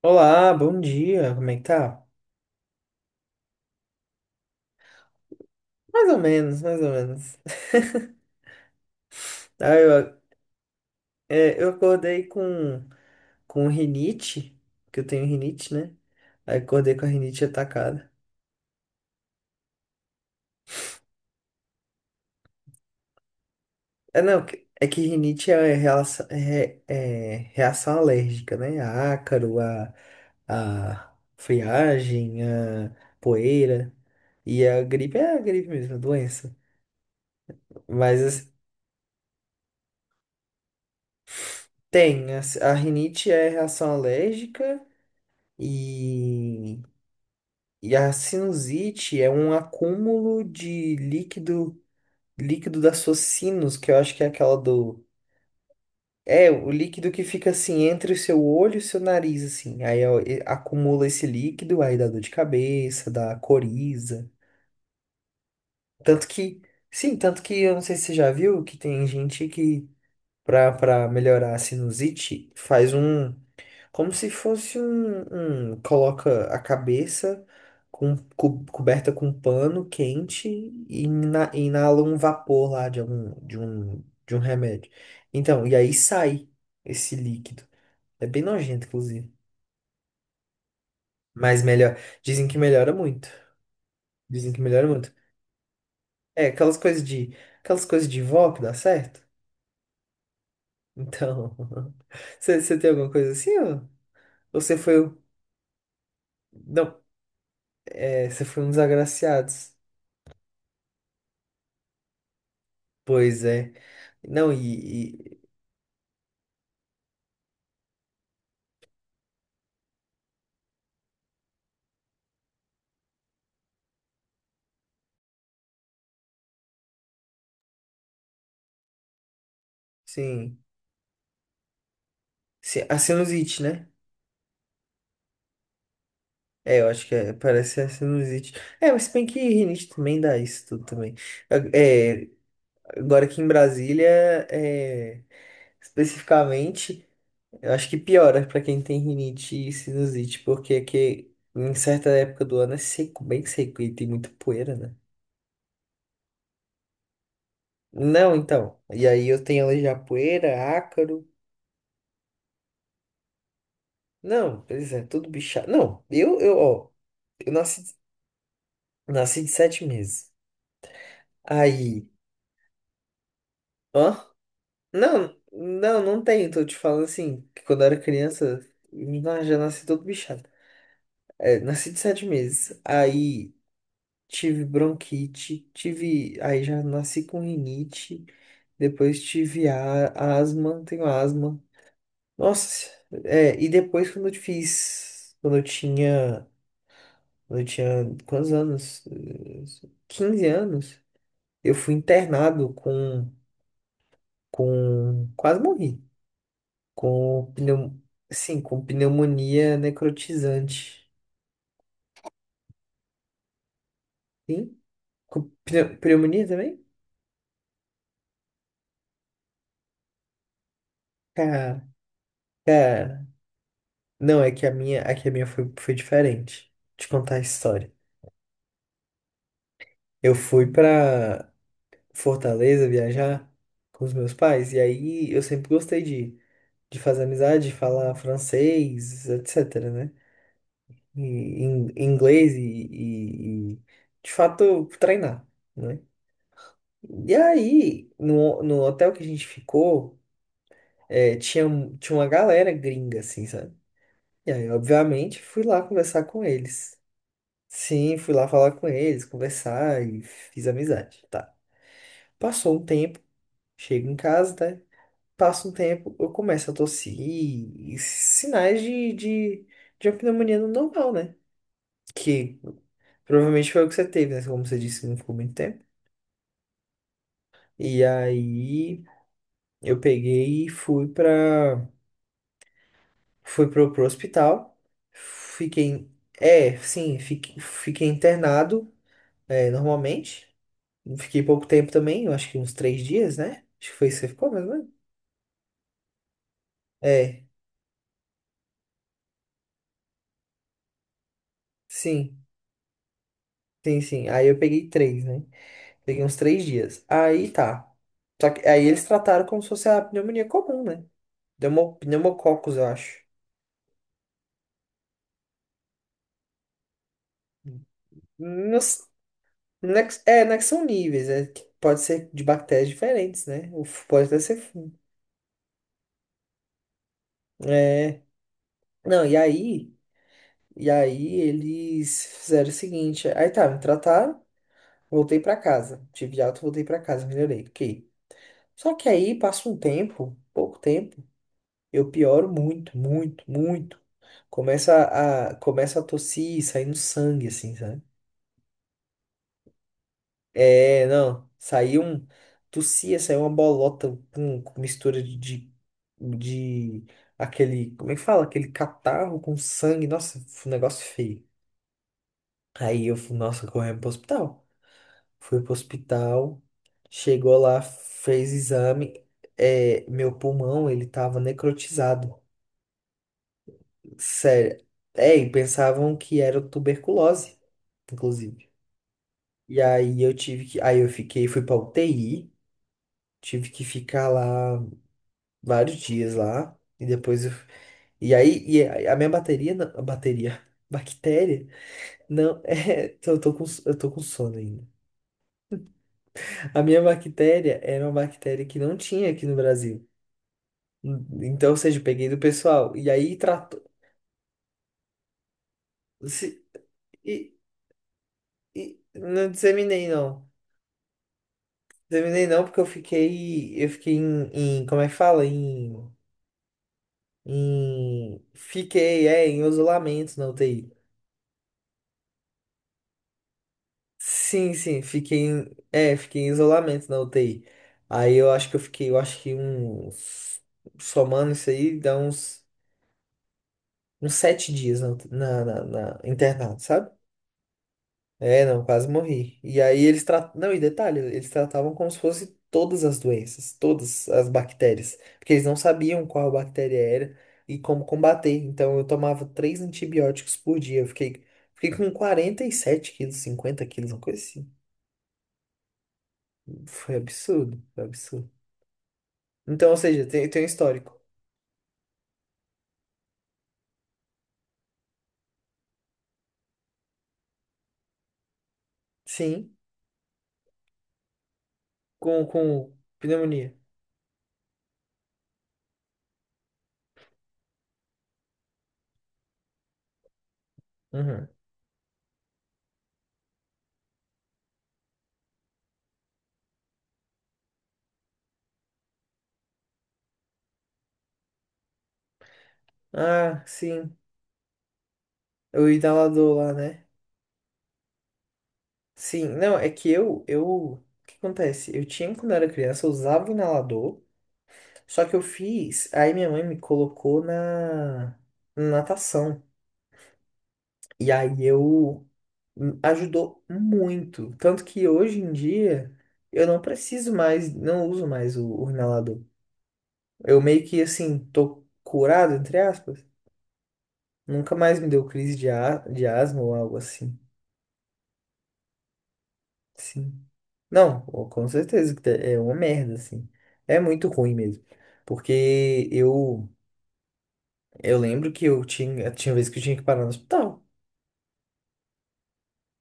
Olá, bom dia, como é que tá? Mais ou menos, mais ou menos. Ah, eu acordei com rinite, que eu tenho rinite, né? Aí acordei com a rinite atacada. É, não, é que rinite é, relação, é, é é reação alérgica, né? A ácaro, a, friagem, a poeira. E a gripe é a gripe mesmo, a doença. Mas assim, tem, a, a rinite é reação alérgica e. E a sinusite é um acúmulo de líquido da sua sinus, que eu acho que é aquela do. É, o líquido que fica assim entre o seu olho e o seu nariz, assim. Aí ó, acumula esse líquido, aí dá dor de cabeça, dá coriza. Tanto que, sim, tanto que eu não sei se você já viu que tem gente que, pra melhorar a sinusite, faz um. Como se fosse um, coloca a cabeça coberta com pano quente e inala um vapor lá de algum de um remédio. Então, e aí sai esse líquido. É bem nojento, inclusive. Mas melhor, dizem que melhora muito. Dizem que melhora muito. É, aquelas coisas de vó que dá certo. Então, você tem alguma coisa assim, ó? Ou você foi o, não, você foi um dos agraciados? Pois é. Não, sim. A sinusite, né? É, eu acho que é, parece ser a sinusite. É, mas se bem que rinite também dá isso tudo também. É, agora aqui em Brasília, é, especificamente, eu acho que piora pra quem tem rinite e sinusite, porque aqui em certa época do ano é seco, bem seco, e tem muita poeira, né? Não, então. E aí eu tenho alergia à poeira, ácaro. Não, pois é, tudo bichado. Não, eu, ó. Eu nasci. Nasci de 7 meses. Aí. Hã? Não, não, não tem. Tô te falando assim, que quando eu era criança, já nasci todo bichado. É, nasci de 7 meses. Aí tive bronquite, tive. Aí já nasci com rinite. Depois tive a, asma, tenho asma. Nossa, e depois quando eu fiz. Quando eu tinha. Quando eu tinha quantos anos? 15 anos, eu fui internado com. Com. Quase morri. Com pneu... Sim, com pneumonia necrotizante. Sim? Com pneumonia também? Cara, cara. Não, é que a minha foi diferente. Te contar a história. Eu fui pra Fortaleza viajar com os meus pais, e aí eu sempre gostei de fazer amizade, de falar francês, etc, né? E, inglês e, de fato, treinar, né? E aí, no hotel que a gente ficou, É, tinha, tinha uma galera gringa, assim, sabe? E aí, obviamente, fui lá conversar com eles. Sim, fui lá falar com eles, conversar e fiz amizade, tá? Passou um tempo, chego em casa, né? Passa um tempo, eu começo a tossir e sinais de uma pneumonia normal, né? Que provavelmente foi o que você teve, né? Como você disse, não ficou muito tempo. E aí, eu peguei e fui pro hospital, fiquei, sim, fiquei internado, normalmente. Fiquei pouco tempo também, eu acho que uns 3 dias, né? Acho que foi isso que você ficou, mais ou menos. É, sim, sim, sim. Aí eu peguei três, né? Peguei uns 3 dias. Aí tá. Só que aí eles trataram como se fosse a pneumonia comum, né? Pneumococcus, eu acho. Nos, não não é que são níveis, é que pode ser de bactérias diferentes, né? Pode até ser fungo. É. Não, e aí. E aí eles fizeram o seguinte, aí tá, me trataram, voltei pra casa, tive alta, voltei pra casa, melhorei, ok. Só que aí passa um tempo, pouco tempo, eu pioro muito, muito, muito. Começa começa a tossir, saindo sangue, assim, sabe? É, não, tossia, saiu uma bolota com mistura de aquele, como é que fala? Aquele catarro com sangue, nossa, um negócio feio. Aí eu fui, nossa, correndo pro hospital. Fui pro hospital, chegou lá, fez exame. É, meu pulmão, ele tava necrotizado. Sério. É, e pensavam que era tuberculose, inclusive. E aí eu tive que. Aí eu fiquei, fui pra UTI, tive que ficar lá vários dias lá. E depois eu. E aí, e a minha bateria, não- a bateria, bactéria, não, eu tô com sono ainda. A minha bactéria era uma bactéria que não tinha aqui no Brasil. Então, ou seja, eu peguei do pessoal. E aí tratou. Se, e, e não disseminei, não. Disseminei não, porque eu fiquei. Eu fiquei como é que fala? Em, em. Fiquei, em isolamento na UTI. Sim, sim, fiquei em. É, fiquei em isolamento na UTI. Aí eu acho que eu fiquei, eu acho que uns. Somando isso aí, dá uns 7 dias na internado, sabe? É, não, quase morri. E aí eles tratavam. Não, e detalhe, eles tratavam como se fosse todas as doenças, todas as bactérias. Porque eles não sabiam qual bactéria era e como combater. Então eu tomava três antibióticos por dia. Eu fiquei com 47 quilos, 50 quilos, uma coisa assim. Foi absurdo, foi absurdo. Então, ou seja, tem um histórico. Sim, com pneumonia. Uhum. Ah, sim. O inalador lá, né? Sim, não, é que eu, o que acontece? Eu tinha quando era criança, eu usava o inalador, só que eu fiz, aí minha mãe me colocou na natação. E aí eu ajudou muito, tanto que hoje em dia eu não preciso mais, não uso mais o inalador. Eu meio que assim, tô curado, entre aspas. Nunca mais me deu crise de, a, de asma ou algo assim. Sim. Não, com certeza que é uma merda, assim. É muito ruim mesmo. Porque eu lembro que eu tinha, vez que eu tinha que parar no hospital.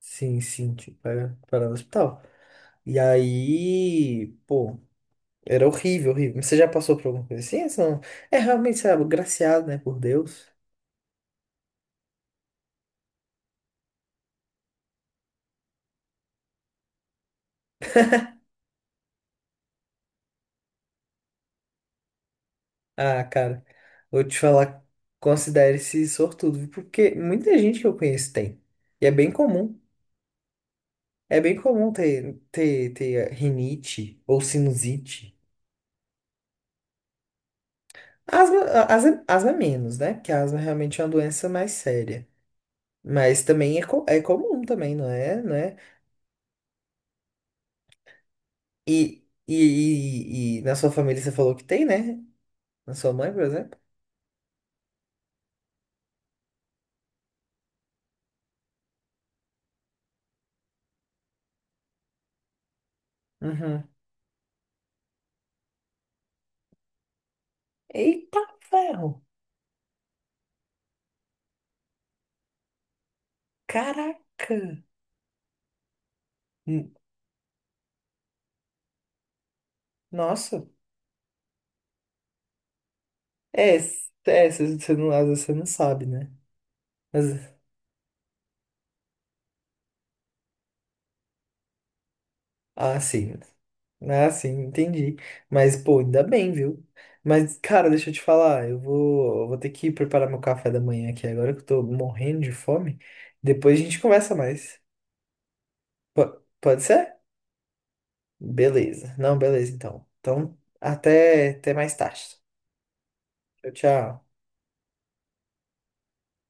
Sim, sim, tinha que parar, parar no hospital. E aí, pô, era horrível, horrível. Mas você já passou por alguma coisa assim? Essa não- É realmente, sabe, agraciado, né, por Deus. Ah, cara, vou te falar, considere-se sortudo, porque muita gente que eu conheço tem. E é bem comum. É bem comum ter rinite ou sinusite. Asma, asma, é menos, né? Porque a asma realmente é uma doença mais séria. Mas também é, é comum também, não é? Não é? E na sua família você falou que tem, né? Na sua mãe, por exemplo? Uhum. Eita ferro! Caraca! Hum, Nossa! É, você não, às vezes você não sabe, né? Ah, sim. Ah, sim, entendi. Mas, pô, ainda bem, viu? Mas, cara, deixa eu te falar, eu vou ter que preparar meu café da manhã aqui agora que eu tô morrendo de fome. Depois a gente conversa mais. Pode ser? Beleza. Não, beleza, então. Então, até mais tarde. Tchau, tchau.